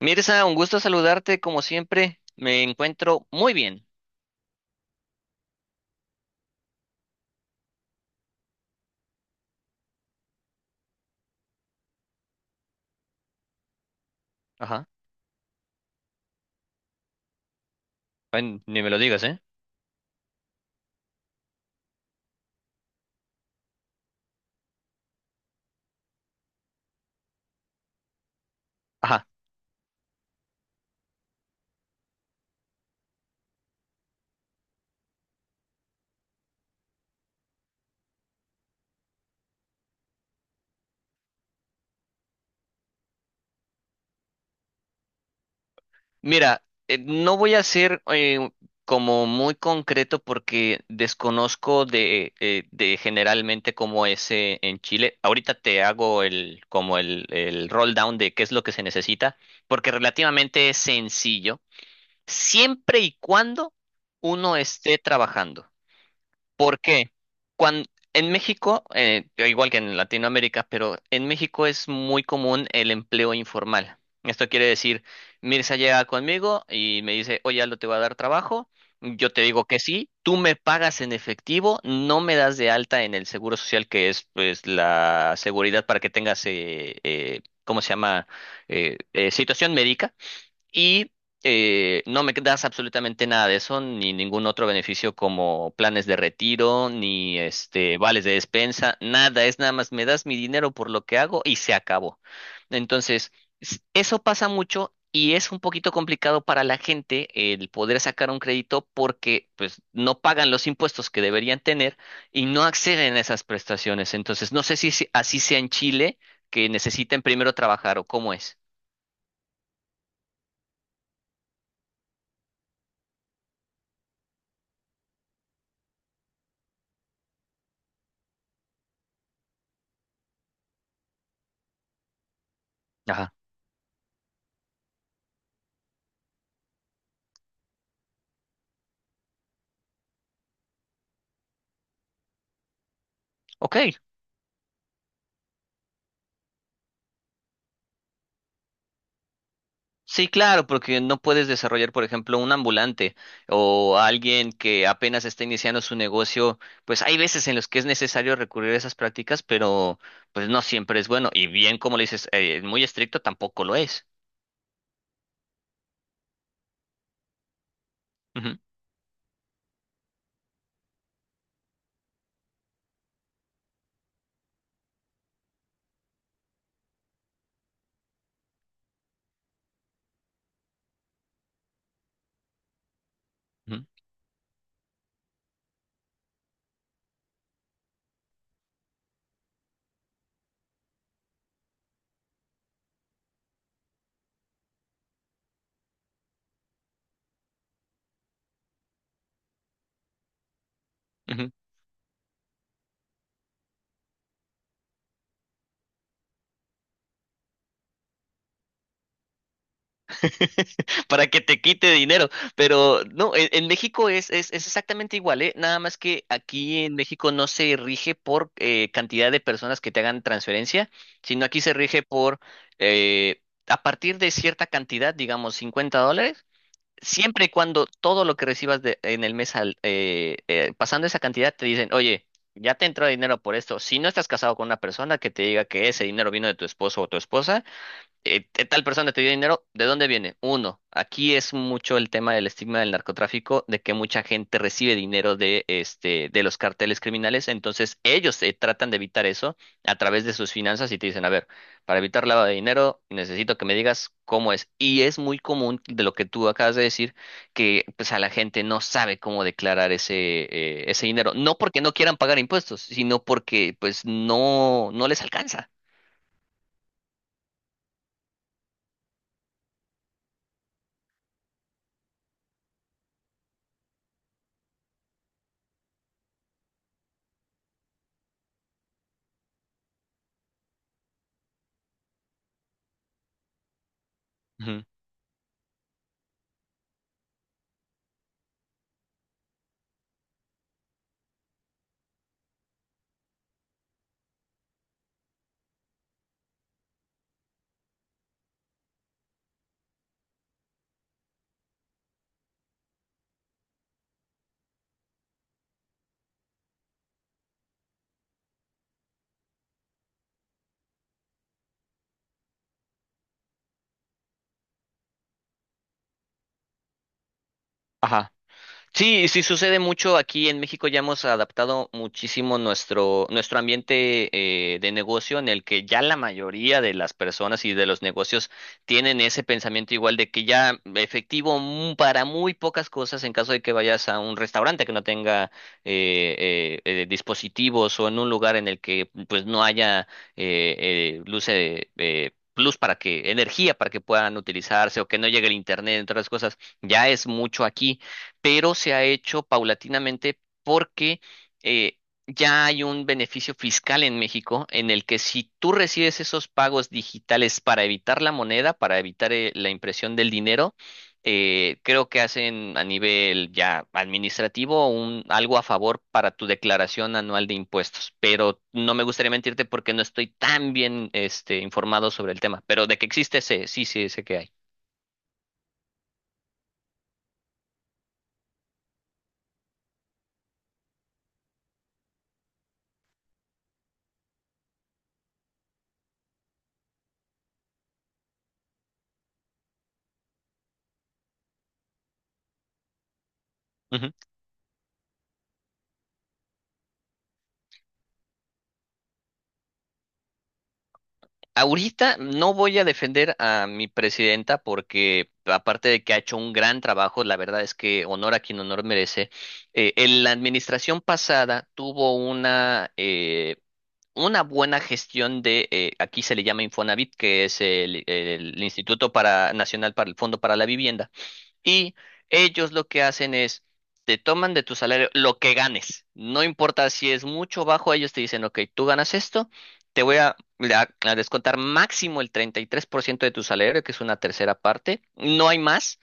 Mirza, un gusto saludarte como siempre. Me encuentro muy bien. Ajá. Ay, ni me lo digas, ¿eh? Ajá. Mira, no voy a ser como muy concreto porque desconozco de generalmente cómo es en Chile. Ahorita te hago el como el roll down de qué es lo que se necesita, porque relativamente es sencillo, siempre y cuando uno esté trabajando. ¿Por qué? Cuando, en México, igual que en Latinoamérica, pero en México es muy común el empleo informal. Esto quiere decir, Mirza llega conmigo y me dice, oye, Aldo, te voy a dar trabajo. Yo te digo que sí, tú me pagas en efectivo, no me das de alta en el seguro social, que es pues la seguridad para que tengas, ¿cómo se llama? Situación médica y no me das absolutamente nada de eso, ni ningún otro beneficio como planes de retiro, ni este vales de despensa, nada, es nada más me das mi dinero por lo que hago y se acabó. Entonces, eso pasa mucho. Y es un poquito complicado para la gente el poder sacar un crédito porque pues no pagan los impuestos que deberían tener y no acceden a esas prestaciones. Entonces, no sé si así sea en Chile, que necesiten primero trabajar o cómo es. Ajá. Ok. Sí, claro, porque no puedes desarrollar, por ejemplo, un ambulante o alguien que apenas está iniciando su negocio, pues hay veces en los que es necesario recurrir a esas prácticas, pero pues no siempre es bueno. Y bien, como le dices, muy estricto tampoco lo es. Ujú, ujú, ujú. Para que te quite dinero. Pero no, en México es exactamente igual, ¿eh? Nada más que aquí en México no se rige por cantidad de personas que te hagan transferencia, sino aquí se rige por eh, a partir de cierta cantidad, digamos $50. Siempre y cuando todo lo que recibas en el mes pasando esa cantidad te dicen, oye, ya te entró dinero por esto. Si no estás casado con una persona que te diga que ese dinero vino de tu esposo o tu esposa, tal persona te dio dinero, ¿de dónde viene? Uno, aquí es mucho el tema del estigma del narcotráfico, de que mucha gente recibe dinero de los carteles criminales, entonces ellos tratan de evitar eso a través de sus finanzas y te dicen, a ver, para evitar lavado de dinero necesito que me digas cómo es. Y es muy común de lo que tú acabas de decir, que pues a la gente no sabe cómo declarar ese dinero, no porque no quieran pagar impuestos, sino porque pues no les alcanza. Ujú. Ajá. Sí, sí sucede mucho aquí en México. Ya hemos adaptado muchísimo nuestro ambiente de negocio en el que ya la mayoría de las personas y de los negocios tienen ese pensamiento igual de que ya efectivo para muy pocas cosas en caso de que vayas a un restaurante que no tenga dispositivos o en un lugar en el que pues no haya eh, luz. Luz para que, energía para que puedan utilizarse o que no llegue el internet, entre otras cosas, ya es mucho aquí pero se ha hecho paulatinamente porque eh, ya hay un beneficio fiscal en México en el que si tú recibes esos pagos digitales para evitar la moneda, para evitar la impresión del dinero, creo que hacen a nivel ya administrativo un, algo a favor para tu declaración anual de impuestos. Pero no me gustaría mentirte porque no estoy tan bien informado sobre el tema, pero de que existe, sé, sí, sí, sé que hay. Ahorita no voy a defender a mi presidenta porque aparte de que ha hecho un gran trabajo, la verdad es que honor a quien honor merece. En la administración pasada tuvo una buena gestión aquí se le llama Infonavit, que es el Instituto para, Nacional para el Fondo para la Vivienda y ellos lo que hacen es, te toman de tu salario lo que ganes. No importa si es mucho o bajo, ellos te dicen, ok, tú ganas esto, te voy a descontar máximo el 33% de tu salario, que es una tercera parte. No hay más.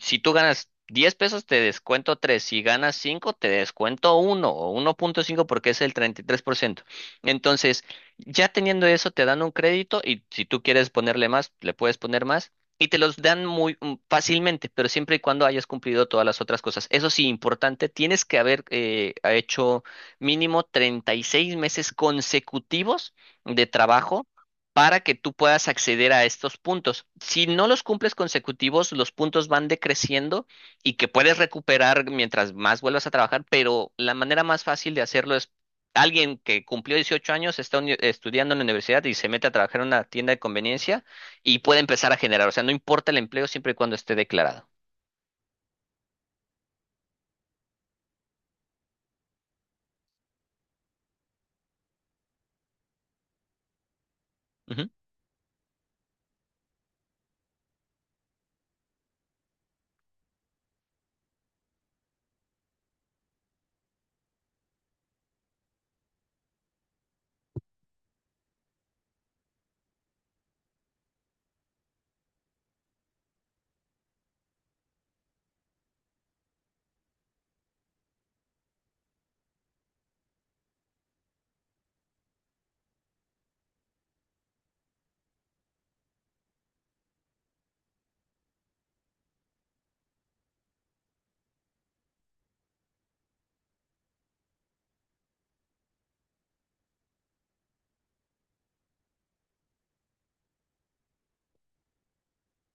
Si tú ganas 10 pesos, te descuento tres. Si ganas 5 te descuento uno o 1.5 porque es el 33%. Entonces, ya teniendo eso, te dan un crédito y si tú quieres ponerle más, le puedes poner más. Y te los dan muy fácilmente, pero siempre y cuando hayas cumplido todas las otras cosas. Eso sí, importante, tienes que haber ha hecho mínimo 36 meses consecutivos de trabajo para que tú puedas acceder a estos puntos. Si no los cumples consecutivos, los puntos van decreciendo y que puedes recuperar mientras más vuelvas a trabajar, pero la manera más fácil de hacerlo es alguien que cumplió 18 años, está estudiando en la universidad y se mete a trabajar en una tienda de conveniencia y puede empezar a generar. O sea, no importa el empleo siempre y cuando esté declarado. Ujú,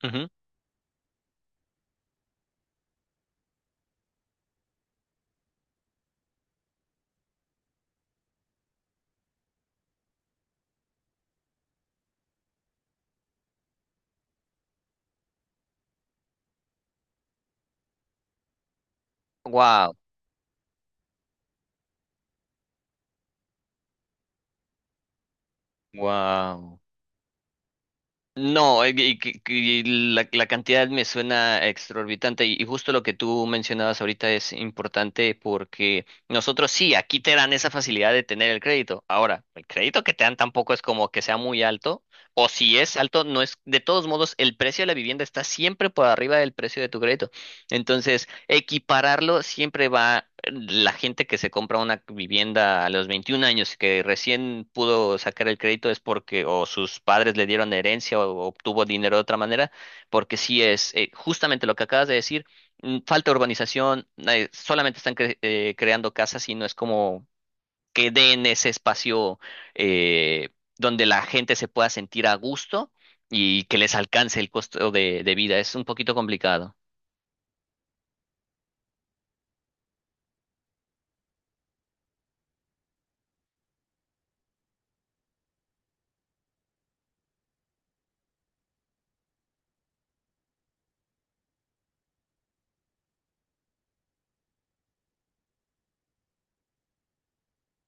ujú. Wow, wow. No, y la cantidad me suena exorbitante y justo lo que tú mencionabas ahorita es importante porque nosotros sí, aquí te dan esa facilidad de tener el crédito. Ahora, el crédito que te dan tampoco es como que sea muy alto o si es alto, no es, de todos modos, el precio de la vivienda está siempre por arriba del precio de tu crédito. Entonces, equipararlo siempre va la gente que se compra una vivienda a los 21 años y que recién pudo sacar el crédito es porque o sus padres le dieron herencia o obtuvo dinero de otra manera, porque sí es justamente lo que acabas de decir, falta urbanización, solamente están creando casas y no es como que den ese espacio eh, donde la gente se pueda sentir a gusto y que les alcance el costo de vida. Es un poquito complicado.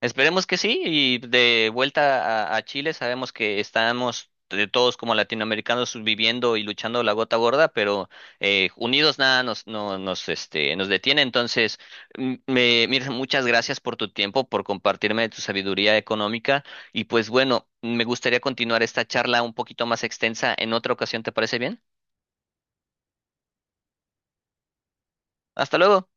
Esperemos que sí, y de vuelta a Chile sabemos que estamos de todos como latinoamericanos viviendo y luchando la gota gorda, pero unidos nada nos, no, nos, este, nos detiene. Entonces, Mirza, muchas gracias por tu tiempo, por compartirme tu sabiduría económica y pues bueno, me gustaría continuar esta charla un poquito más extensa en otra ocasión, ¿te parece bien? Hasta luego.